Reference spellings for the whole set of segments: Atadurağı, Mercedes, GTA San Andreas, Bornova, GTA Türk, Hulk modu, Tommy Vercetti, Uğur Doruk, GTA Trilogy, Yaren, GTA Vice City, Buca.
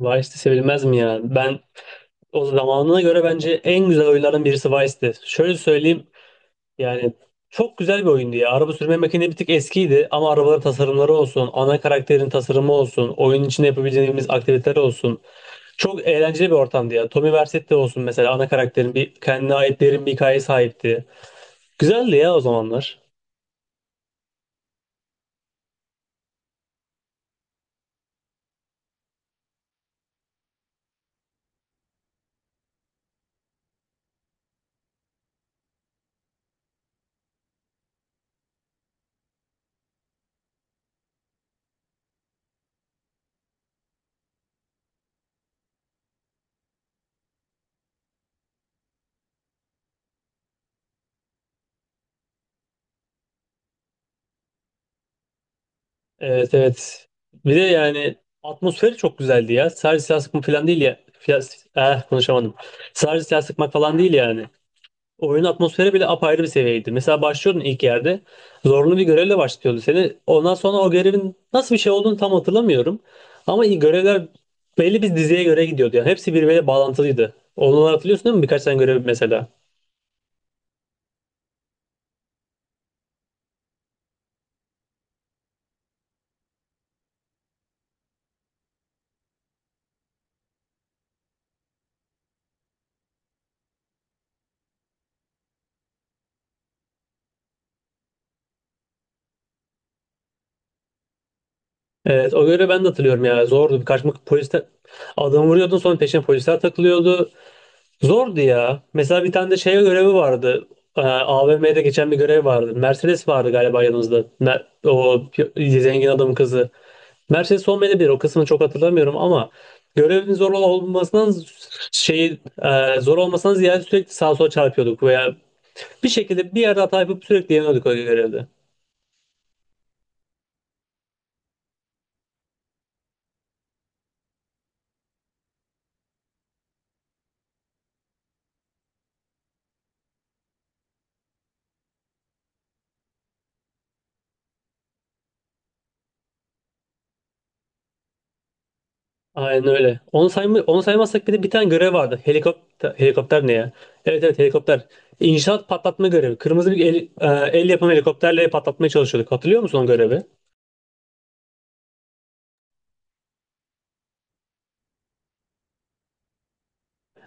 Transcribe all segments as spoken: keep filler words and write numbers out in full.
Vice'de sevilmez mi ya? Ben o zamanına göre bence en güzel oyunlardan birisi Vice'di. Şöyle söyleyeyim yani çok güzel bir oyundu ya. Araba sürme makinesi bir tık eskiydi ama arabaların tasarımları olsun, ana karakterin tasarımı olsun, oyun içinde yapabileceğimiz aktiviteler olsun. Çok eğlenceli bir ortamdı ya. Tommy Vercetti olsun mesela ana karakterin bir kendine ait derin bir hikaye sahipti. Güzeldi ya o zamanlar. Evet, evet. Bir de yani atmosferi çok güzeldi ya. Sadece silah sıkma falan değil ya. Fiyas- Eh, konuşamadım. Sadece silah sıkmak falan değil yani. Oyunun atmosferi bile apayrı bir seviyeydi. Mesela başlıyordun ilk yerde. Zorlu bir görevle başlıyordu seni. Ondan sonra o görevin nasıl bir şey olduğunu tam hatırlamıyorum. Ama iyi görevler belli bir diziye göre gidiyordu. Yani hepsi birbiriyle bağlantılıydı. Onları hatırlıyorsun, değil mi? Birkaç tane görev mesela. Evet, o görevi ben de hatırlıyorum ya. Zordu. Birkaç polis adamı vuruyordun, sonra peşine polisler takılıyordu. Zordu ya. Mesela bir tane de şey görevi vardı. Ee, A V M'de geçen bir görev vardı. Mercedes vardı galiba yanımızda. Mer- o pi- zengin adamın kızı. Mercedes olmayabilir. O kısmını çok hatırlamıyorum ama görevin zor olmasından şey e, zor olmasından ziyade sürekli sağa sola çarpıyorduk veya bir şekilde bir yerde hata yapıp sürekli yeniyorduk o görevde. Aynen öyle. Onu, sayma, onu saymazsak bir de bir tane görev vardı. Helikopter, helikopter ne ya? Evet, evet, helikopter. İnşaat patlatma görevi. Kırmızı bir el, e, el yapımı helikopterle patlatmaya çalışıyorduk. Hatırlıyor musun o görevi?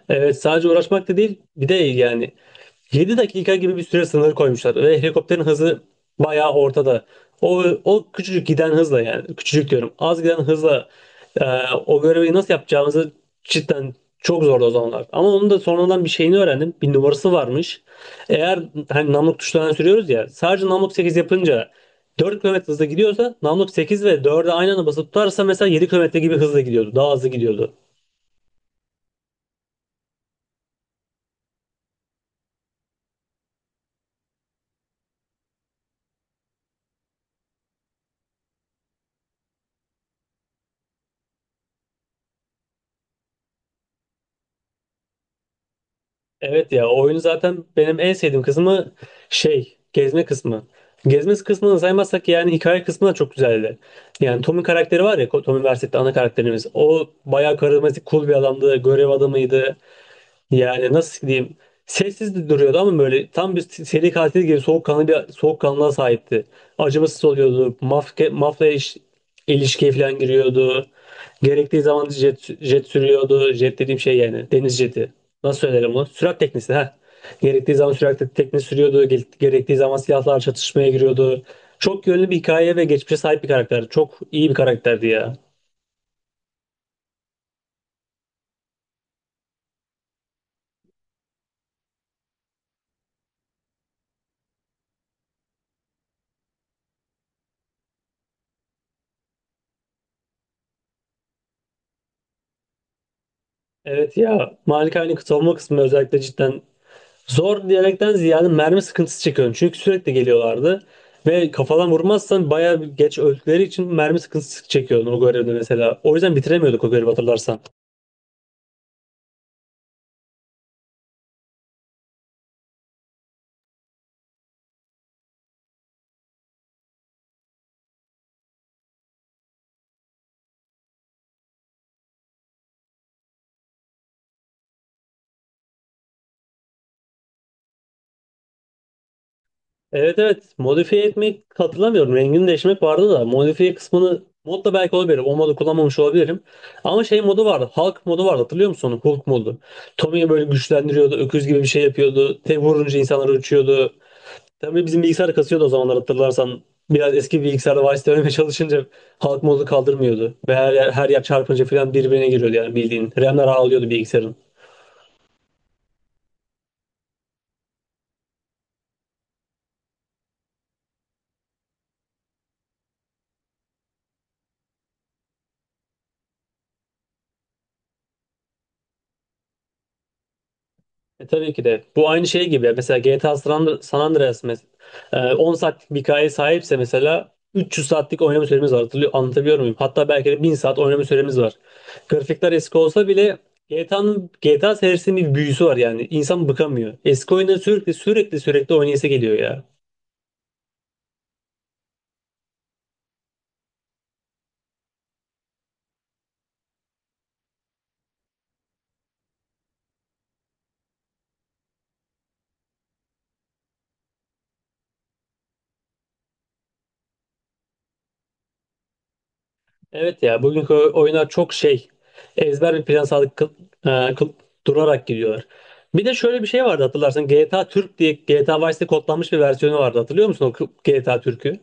Evet, sadece uğraşmak da değil, bir de yani yedi dakika gibi bir süre sınırı koymuşlar ve helikopterin hızı bayağı ortada. O, o küçücük giden hızla, yani küçücük diyorum az giden hızla, e, o görevi nasıl yapacağımızı, cidden çok zordu o zamanlar. Ama onun da sonradan bir şeyini öğrendim. Bir numarası varmış. Eğer hani namluk tuşlarına sürüyoruz ya, sadece namluk sekiz yapınca dört kilometre hızla gidiyorsa, namluk sekiz ve dörde aynı anda basıp tutarsa mesela yedi kilometre gibi hızla gidiyordu. Daha hızlı gidiyordu. Evet ya, oyun zaten benim en sevdiğim kısmı şey gezme kısmı. Gezme kısmını saymazsak yani hikaye kısmı da çok güzeldi. Yani Tom'un karakteri var ya, Tommy Vercette'de ana karakterimiz. O bayağı karizmatik, cool bir adamdı. Görev adamıydı. Yani nasıl diyeyim? Sessiz de duruyordu ama böyle tam bir seri katil gibi soğukkanlı bir soğukkanlılığa sahipti. Acımasız oluyordu. Mafya, mafya iş, ilişkiye falan giriyordu. Gerektiği zaman jet, jet sürüyordu. Jet dediğim şey yani deniz jeti. Nasıl söylerim bunu? Sürat teknesi ha. Gerektiği zaman sürat teknesi sürüyordu. Ge- Gerektiği zaman silahlar çatışmaya giriyordu. Çok yönlü bir hikaye ve geçmişe sahip bir karakter. Çok iyi bir karakterdi ya. Evet ya. Malikane'nin savunma kısmı özellikle cidden zor diyerekten ziyade mermi sıkıntısı çekiyorum. Çünkü sürekli geliyorlardı. Ve kafadan vurmazsan bayağı geç öldükleri için mermi sıkıntısı çekiyordun o görevde mesela. O yüzden bitiremiyorduk o görevi, hatırlarsan. Evet, evet. Modifiye etmek hatırlamıyorum. Rengini değiştirmek vardı da. Modifiye kısmını mod da belki olabilir. O modu kullanmamış olabilirim. Ama şey modu vardı. Hulk modu vardı. Hatırlıyor musun onu? Hulk modu. Tommy'yi böyle güçlendiriyordu. Öküz gibi bir şey yapıyordu. Tek vurunca insanları uçuyordu. Tabii bizim bilgisayar kasıyordu o zamanlar, hatırlarsan. Biraz eski bilgisayarda Vice demeye çalışınca halk modu kaldırmıyordu. Ve her yer, her yer çarpınca falan birbirine giriyordu yani bildiğin. R A M'ler ağlıyordu bilgisayarın. E, tabii ki de. Bu aynı şey gibi. Mesela G T A San Andreas, San Andreas mes- e, on saatlik bir hikayeye sahipse mesela üç yüz saatlik oynama süremiz var. Hatırlıyor, anlatabiliyor muyum? Hatta belki de bin saat oynama süremiz var. Grafikler eski olsa bile G T A'nın G T A serisinin bir büyüsü var yani. İnsan bıkamıyor. Eski oyunları sürekli sürekli sürekli oynayası geliyor ya. Evet ya, bugünkü oyunlar çok şey, ezber bir plan sağlık kıl, e, kıl- durarak gidiyorlar. Bir de şöyle bir şey vardı, hatırlarsın, G T A Türk diye G T A Vice'de kodlanmış bir versiyonu vardı. Hatırlıyor musun o kı- G T A Türk'ü?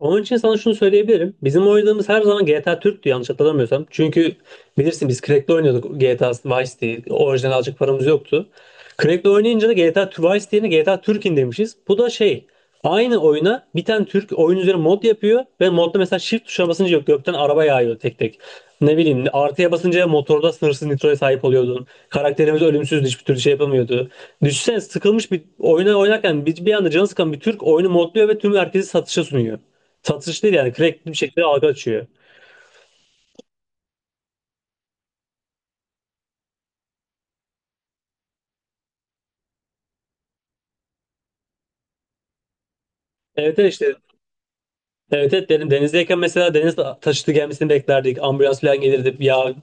Onun için sana şunu söyleyebilirim. Bizim oynadığımız her zaman G T A Türk'tü, yanlış hatırlamıyorsam. Çünkü bilirsin biz crack'le oynuyorduk G T A Vice diye. Orijinal alacak paramız yoktu. Crack'le oynayınca da G T A Twice yerine G T A Türkin demişiz. Bu da şey aynı oyuna bir tane Türk oyun üzerine mod yapıyor ve modda mesela shift tuşuna basınca yok, gökten araba yağıyor tek tek. Ne bileyim, artıya basınca motorda sınırsız nitroya sahip oluyordun. Karakterimiz ölümsüzdü, hiçbir türlü şey yapamıyordu. Düşünsene, sıkılmış bir oyuna oynarken bir, bir anda canı sıkan bir Türk oyunu modluyor ve tüm herkesi satışa sunuyor. Satış değil yani, crack bir şekilde algı açıyor. Evet, evet, işte. Evet, evet, dedim denizdeyken mesela deniz taşıtı gelmesini beklerdik. Ambulans falan gelirdi. Ya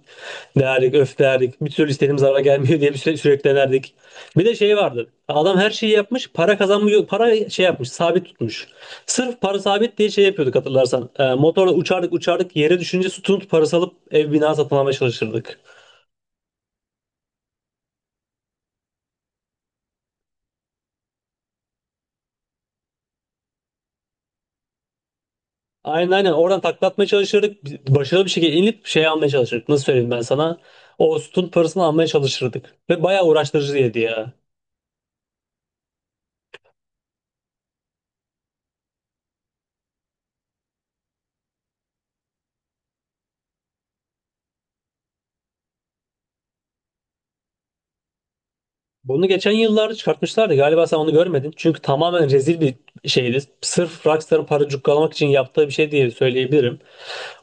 derdik, öf derdik. Bir türlü istediğimiz araba gelmiyor diye bir süre, sürekli denerdik. Bir de şey vardı. Adam her şeyi yapmış. Para kazanmıyor. Para şey yapmış. Sabit tutmuş. Sırf para sabit diye şey yapıyorduk, hatırlarsan. Ee, motorla uçardık uçardık. Yere düşünce tutunup parası alıp ev bina satın almaya çalışırdık. Aynen, aynen. Oradan taklatmaya çalışırdık. Başarılı bir şekilde inip şey almaya çalışırdık. Nasıl söyleyeyim ben sana? O sütun parasını almaya çalışırdık. Ve bayağı uğraştırıcıydı ya. Bunu geçen yıllarda çıkartmışlardı. Galiba sen onu görmedin. Çünkü tamamen rezil bir şeydi. Sırf Rockstar'ın para cukkalamak için yaptığı bir şey diye söyleyebilirim.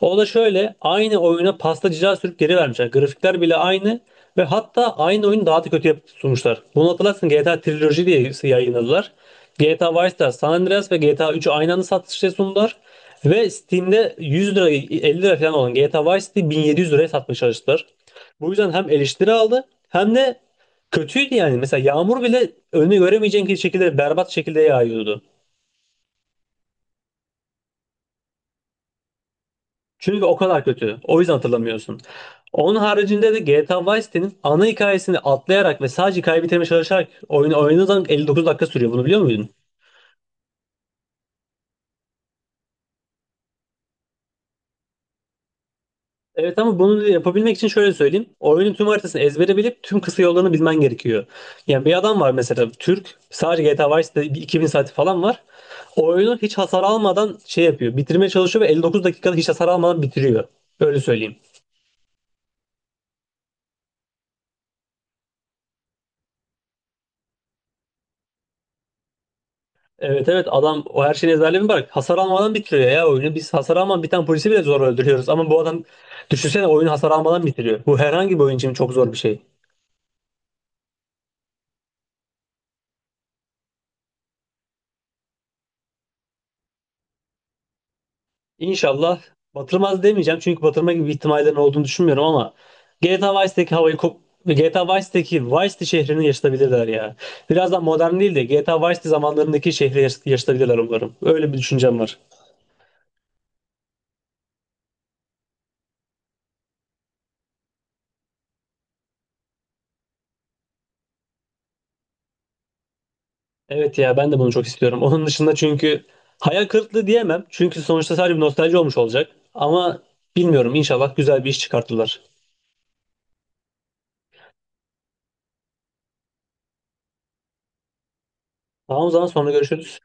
O da şöyle, aynı oyuna pasta cila sürüp geri vermişler. Grafikler bile aynı ve hatta aynı oyunu daha da kötü yapıp sunmuşlar. Bunu hatırlarsın, G T A Trilogy diye yayınladılar. G T A Vice City, San Andreas ve G T A üçü aynı anda satışa sundular. Ve Steam'de yüz lira elli lira falan olan G T A Vice City bin yedi yüz liraya satmaya çalıştılar. Bu yüzden hem eleştiri aldı hem de kötüydü yani. Mesela yağmur bile önünü göremeyeceğin şekilde berbat şekilde yağıyordu. Çünkü o kadar kötü. O yüzden hatırlamıyorsun. Onun haricinde de G T A Vice City'nin ana hikayesini atlayarak ve sadece hikaye bitirmeye çalışarak oyunu oynadığın elli dokuz dakika sürüyor. Bunu biliyor muydun? Evet, ama bunu yapabilmek için şöyle söyleyeyim. Oyunun tüm haritasını ezbere bilip tüm kısa yollarını bilmen gerekiyor. Yani bir adam var mesela, Türk. Sadece G T A Vice City'de bir iki bin saati falan var. Oyunu hiç hasar almadan şey yapıyor. Bitirmeye çalışıyor ve elli dokuz dakikada hiç hasar almadan bitiriyor. Öyle söyleyeyim. Evet, evet, adam o her şeyin ezberlerini bırak. Hasar almadan bitiriyor ya oyunu. Biz hasar almadan biten polisi bile zor öldürüyoruz. Ama bu adam, düşünsene, oyunu hasar almadan bitiriyor. Bu herhangi bir oyun için çok zor bir şey. İnşallah batırmaz demeyeceğim. Çünkü batırma gibi ihtimallerin olduğunu düşünmüyorum ama G T A Vice'deki havayı kop G T A Vice'deki Vice City şehrini yaşatabilirler ya. Birazdan modern değil de G T A Vice City zamanlarındaki şehri yaş- yaşatabilirler umarım. Öyle bir düşüncem var. Evet ya, ben de bunu çok istiyorum. Onun dışında, çünkü hayal kırıklığı diyemem. Çünkü sonuçta sadece bir nostalji olmuş olacak. Ama bilmiyorum, inşallah güzel bir iş çıkartırlar. Tamam, o zaman sonra görüşürüz.